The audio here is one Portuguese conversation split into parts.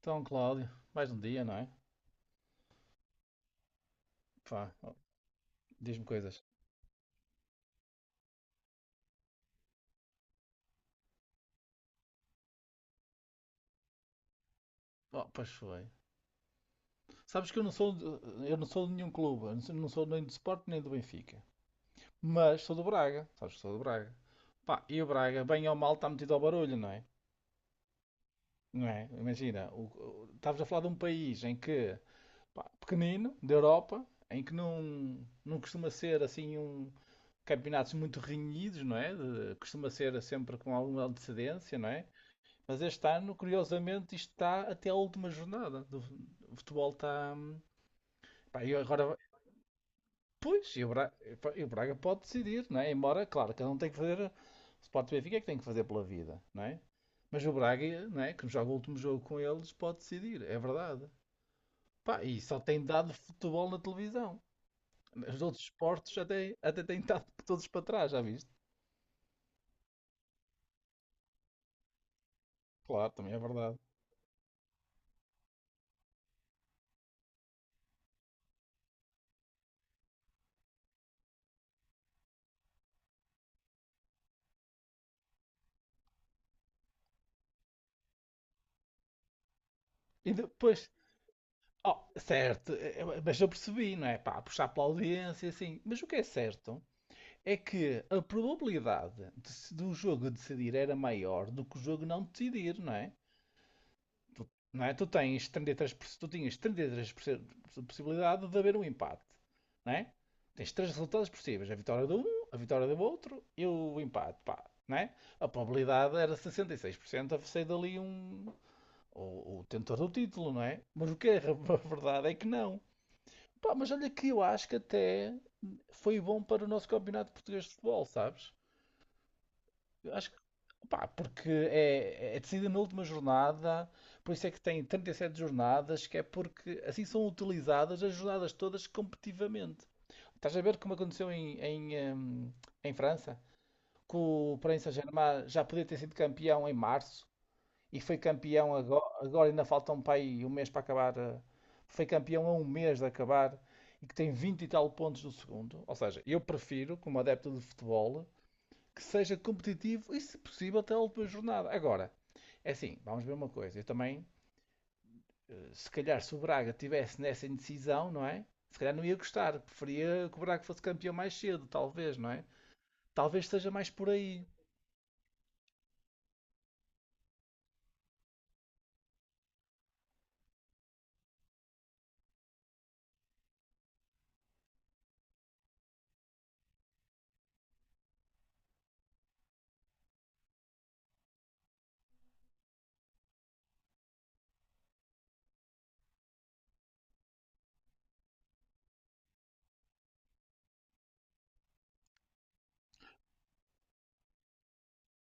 Então, Cláudio, mais um dia, não é? Pá, ó, diz-me coisas. Oh, pois foi. Sabes que eu não sou, eu não sou de nenhum clube, eu não sou nem do Sport nem do Benfica, mas sou do Braga, sabes que sou do Braga. Pá, e o Braga, bem ou mal, está metido ao barulho, não é? Não é? Imagina, estavas a falar de um país em que, pá, pequenino, da Europa, em que não costuma ser assim um campeonatos muito renhidos, não é? Costuma ser sempre com alguma antecedência, não é? Mas este ano, curiosamente, isto está até à última jornada. O futebol está, pá, e agora. Pois, e o Braga pode decidir, não é? Embora, claro, cada um tem que fazer. O Sport Benfica é que tem que fazer pela vida, não é? Mas o Braga, não é? Que joga o último jogo com eles, pode decidir, é verdade. Pá, e só tem dado futebol na televisão. Os outros esportes até têm dado todos para trás, já viste? Claro, também é verdade. E depois. Oh, certo, mas eu percebi, não é? Pá, puxar pela audiência, assim. Mas o que é certo é que a probabilidade de se- do jogo decidir era maior do que o jogo não decidir, não é? Tu, não é? Tu tens 33%, tu tinhas 33% de possibilidade de haver um empate, não é? Tens três resultados possíveis: a vitória de um, a vitória do outro e o empate, pá, não é? A probabilidade era 66% a sair dali um. O tentor do título, não é? Mas o que é a verdade é que não. Pá, mas olha que eu acho que até foi bom para o nosso campeonato português de futebol, sabes? Eu acho que, pá, porque é, é decidida na última jornada, por isso é que tem 37 jornadas, que é porque assim são utilizadas as jornadas todas competitivamente. Estás a ver como aconteceu em, em França? Que o Paris Saint-Germain já podia ter sido campeão em março, e foi campeão agora ainda falta um pai um mês para acabar. Foi campeão a um mês de acabar e que tem 20 e tal pontos do segundo. Ou seja, eu prefiro, como adepto de futebol, que seja competitivo e, se possível, até a última jornada. Agora, é assim, vamos ver uma coisa. Eu também, eh, se calhar, se o Braga tivesse nessa indecisão, não é? Se calhar não ia gostar. Preferia que o Braga fosse campeão mais cedo, talvez, não é? Talvez seja mais por aí.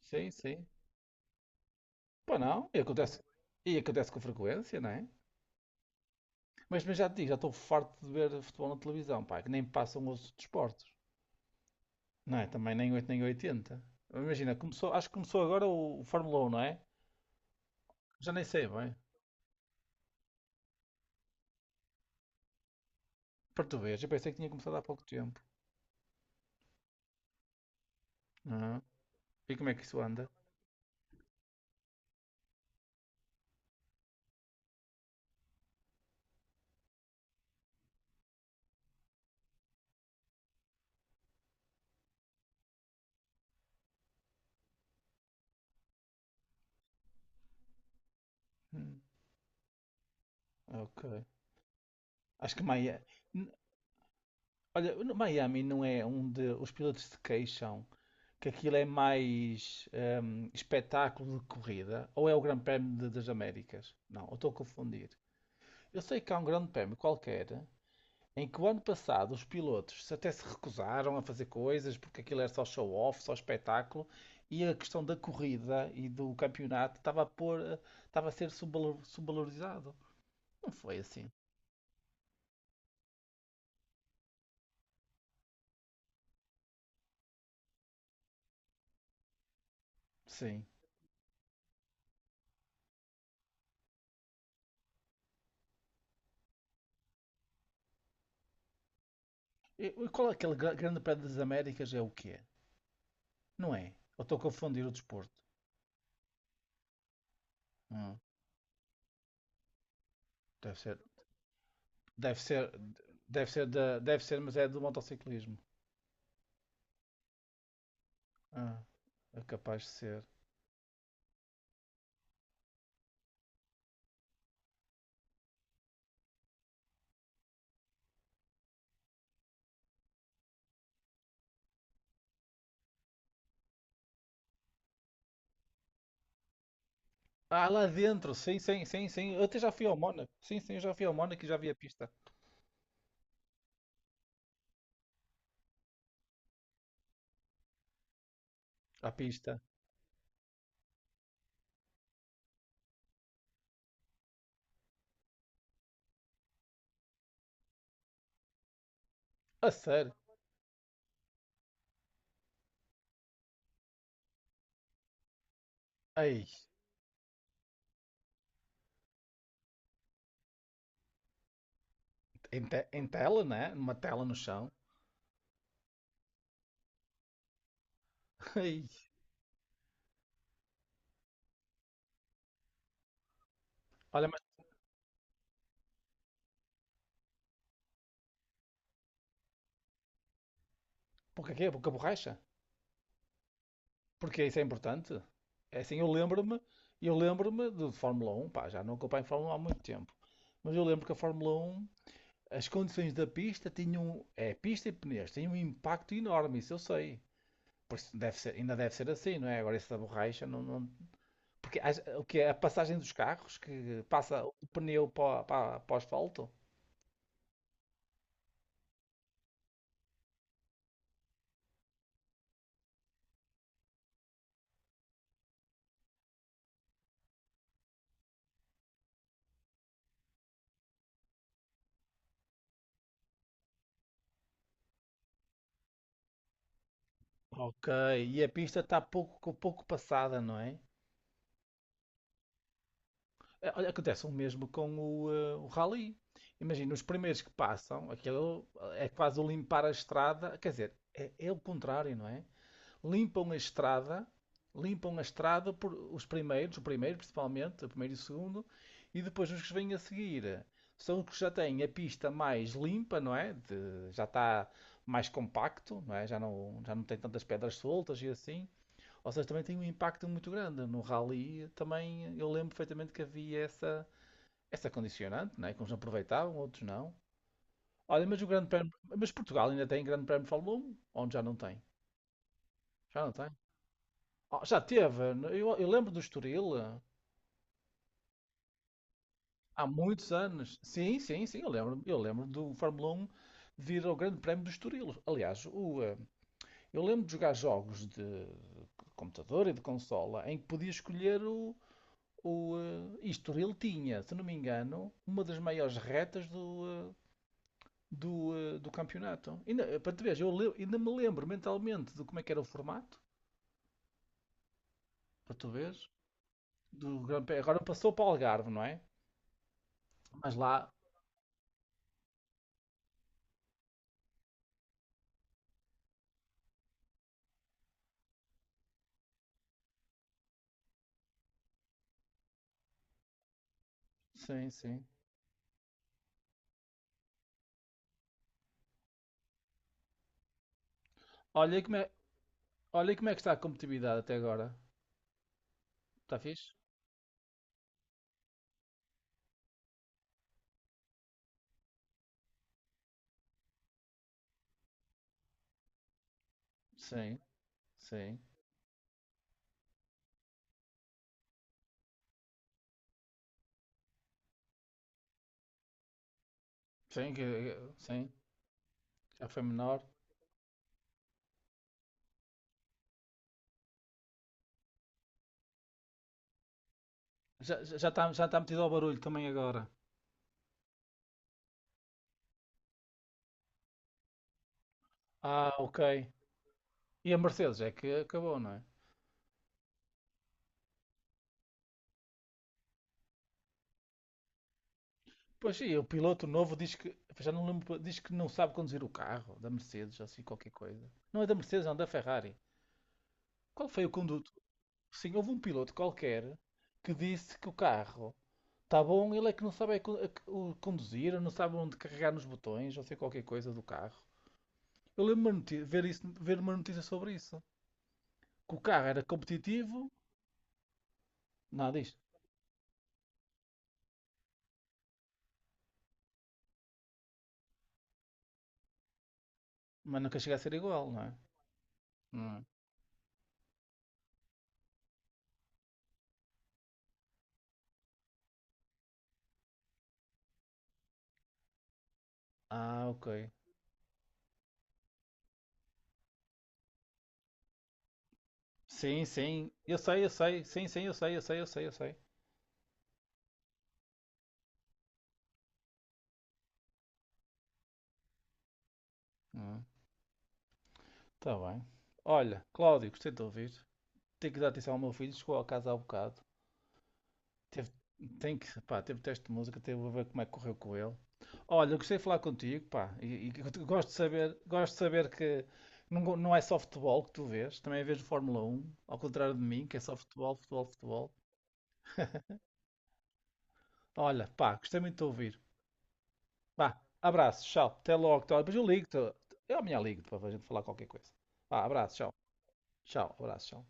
Sim, sim. Pá, não. E acontece com frequência, não é? Mas já te digo, já estou farto de ver futebol na televisão, pá, que nem passam os desportos. Não é? Também nem 8 nem oitenta. Imagina, começou, acho que começou agora o Fórmula 1, não é? Já nem sei bem. Para tu veres, eu pensei que tinha começado há pouco tempo. Ah, e como é que isso anda? Hum, ok. Acho que Miami. Olha, Miami não é onde os pilotos se queixam que aquilo é mais espetáculo de corrida, ou é o Grande Prémio das Américas? Não, eu estou a confundir. Eu sei que há um Grande Prémio qualquer em que o ano passado os pilotos até se recusaram a fazer coisas porque aquilo era só show-off, só espetáculo, e a questão da corrida e do campeonato estava a ser subvalorizado. Não foi assim. Sim. E qual é aquele Grande Prémio das Américas? É o quê? Não é? Eu estou a confundir o desporto. Hum, deve ser. Deve ser, deve ser, da, deve ser, mas é do motociclismo. Ah, é capaz de ser. Ah, lá dentro, sim, sim, sim, sim. Eu até já fui ao Mónaco. Sim, sim, eu já fui ao Mónaco e já vi a pista. A pista. A sério. Ei, em, em tela, né? Numa tela no chão. Ei. Olha, mas porquê quê? Porque a borracha? Porque isso é importante. É assim, eu lembro-me de Fórmula 1, pá, já não acompanho Fórmula 1 há muito tempo. Mas eu lembro que a Fórmula 1, as condições da pista tinham. Um, é, pista e pneus têm um impacto enorme, isso eu sei. Porque deve ser, ainda deve ser assim, não é? Agora isso borracha não. Porque o que é? A passagem dos carros que passa o pneu para o asfalto? Ok, e a pista está pouco, pouco passada, não é? É, olha, acontece o mesmo com o, eh, o rally. Imagina, os primeiros que passam, aquilo é quase o limpar a estrada, quer dizer, é, é o contrário, não é? Limpam a estrada, limpam a estrada por os primeiros, o primeiro principalmente, o primeiro e o segundo, e depois os que vêm a seguir são os que já têm a pista mais limpa, não é? Já está mais compacto, não é? Já não tem tantas pedras soltas e assim. Ou seja, também tem um impacto muito grande. No rally também eu lembro perfeitamente que havia essa condicionante, não é? Que uns aproveitavam, outros não. Olha, mas o Grande Prémio, mas Portugal ainda tem Grande Prémio de Fórmula 1? Onde já não tem? Já não tem? Oh, já teve. Eu lembro do Estoril há muitos anos. Sim, sim, sim, eu lembro. Eu lembro do Fórmula 1 vir ao Grande Prémio do Estoril. Aliás, eu lembro de jogar jogos de computador e de consola em que podia escolher e Estoril tinha, se não me engano, uma das maiores retas do campeonato. Ainda, eh, para tu veres, ainda me lembro mentalmente de como é que era o formato, para tu veres, do Grande Prémio. Agora passou para o Algarve, não é? Mas lá, sim, sim. Olha como é, olha como é que está a competitividade até agora. Está fixe? Sim, sim. Sim, sim. Já foi menor. Já está metido ao barulho também agora. Ah, ok. E a Mercedes é que acabou, não é? Pois sim, o piloto novo diz que. Já não lembro, diz que não sabe conduzir o carro da Mercedes, assim qualquer coisa. Não é da Mercedes, não, da Ferrari. Qual foi o conduto? Sim, houve um piloto qualquer que disse que o carro. Tá bom, ele é que não sabe é conduzir, não sabe onde carregar nos botões, ou sei qualquer coisa do carro. Eu lembro-me de ver, isso, ver uma notícia sobre isso. Que o carro era competitivo, nada disto. Mas nunca chega a ser igual, não é? Hum. Ah, ok. Sim, sim. Eu sei, eu sei. Sim, sim, eu sei, eu sei, eu sei, eu sei. Hum. Tá bem. Olha, Cláudio, gostei de te ouvir. Tenho que dar atenção ao meu filho, chegou a casa há um bocado. Teve, tem que, pá, teve teste de música, teve a ver como é que correu com ele. Olha, eu gostei de falar contigo, pá, e gosto de saber que não, não é só futebol que tu vês, também vês Fórmula 1 ao contrário de mim, que é só futebol, futebol, futebol. Olha, pá, gostei muito de te ouvir. Vá, abraço, tchau, até logo, tchau. Depois eu ligo-te, eu amanhã ligo-te para a gente falar qualquer coisa. Vá, abraço, tchau, tchau, abraço, tchau.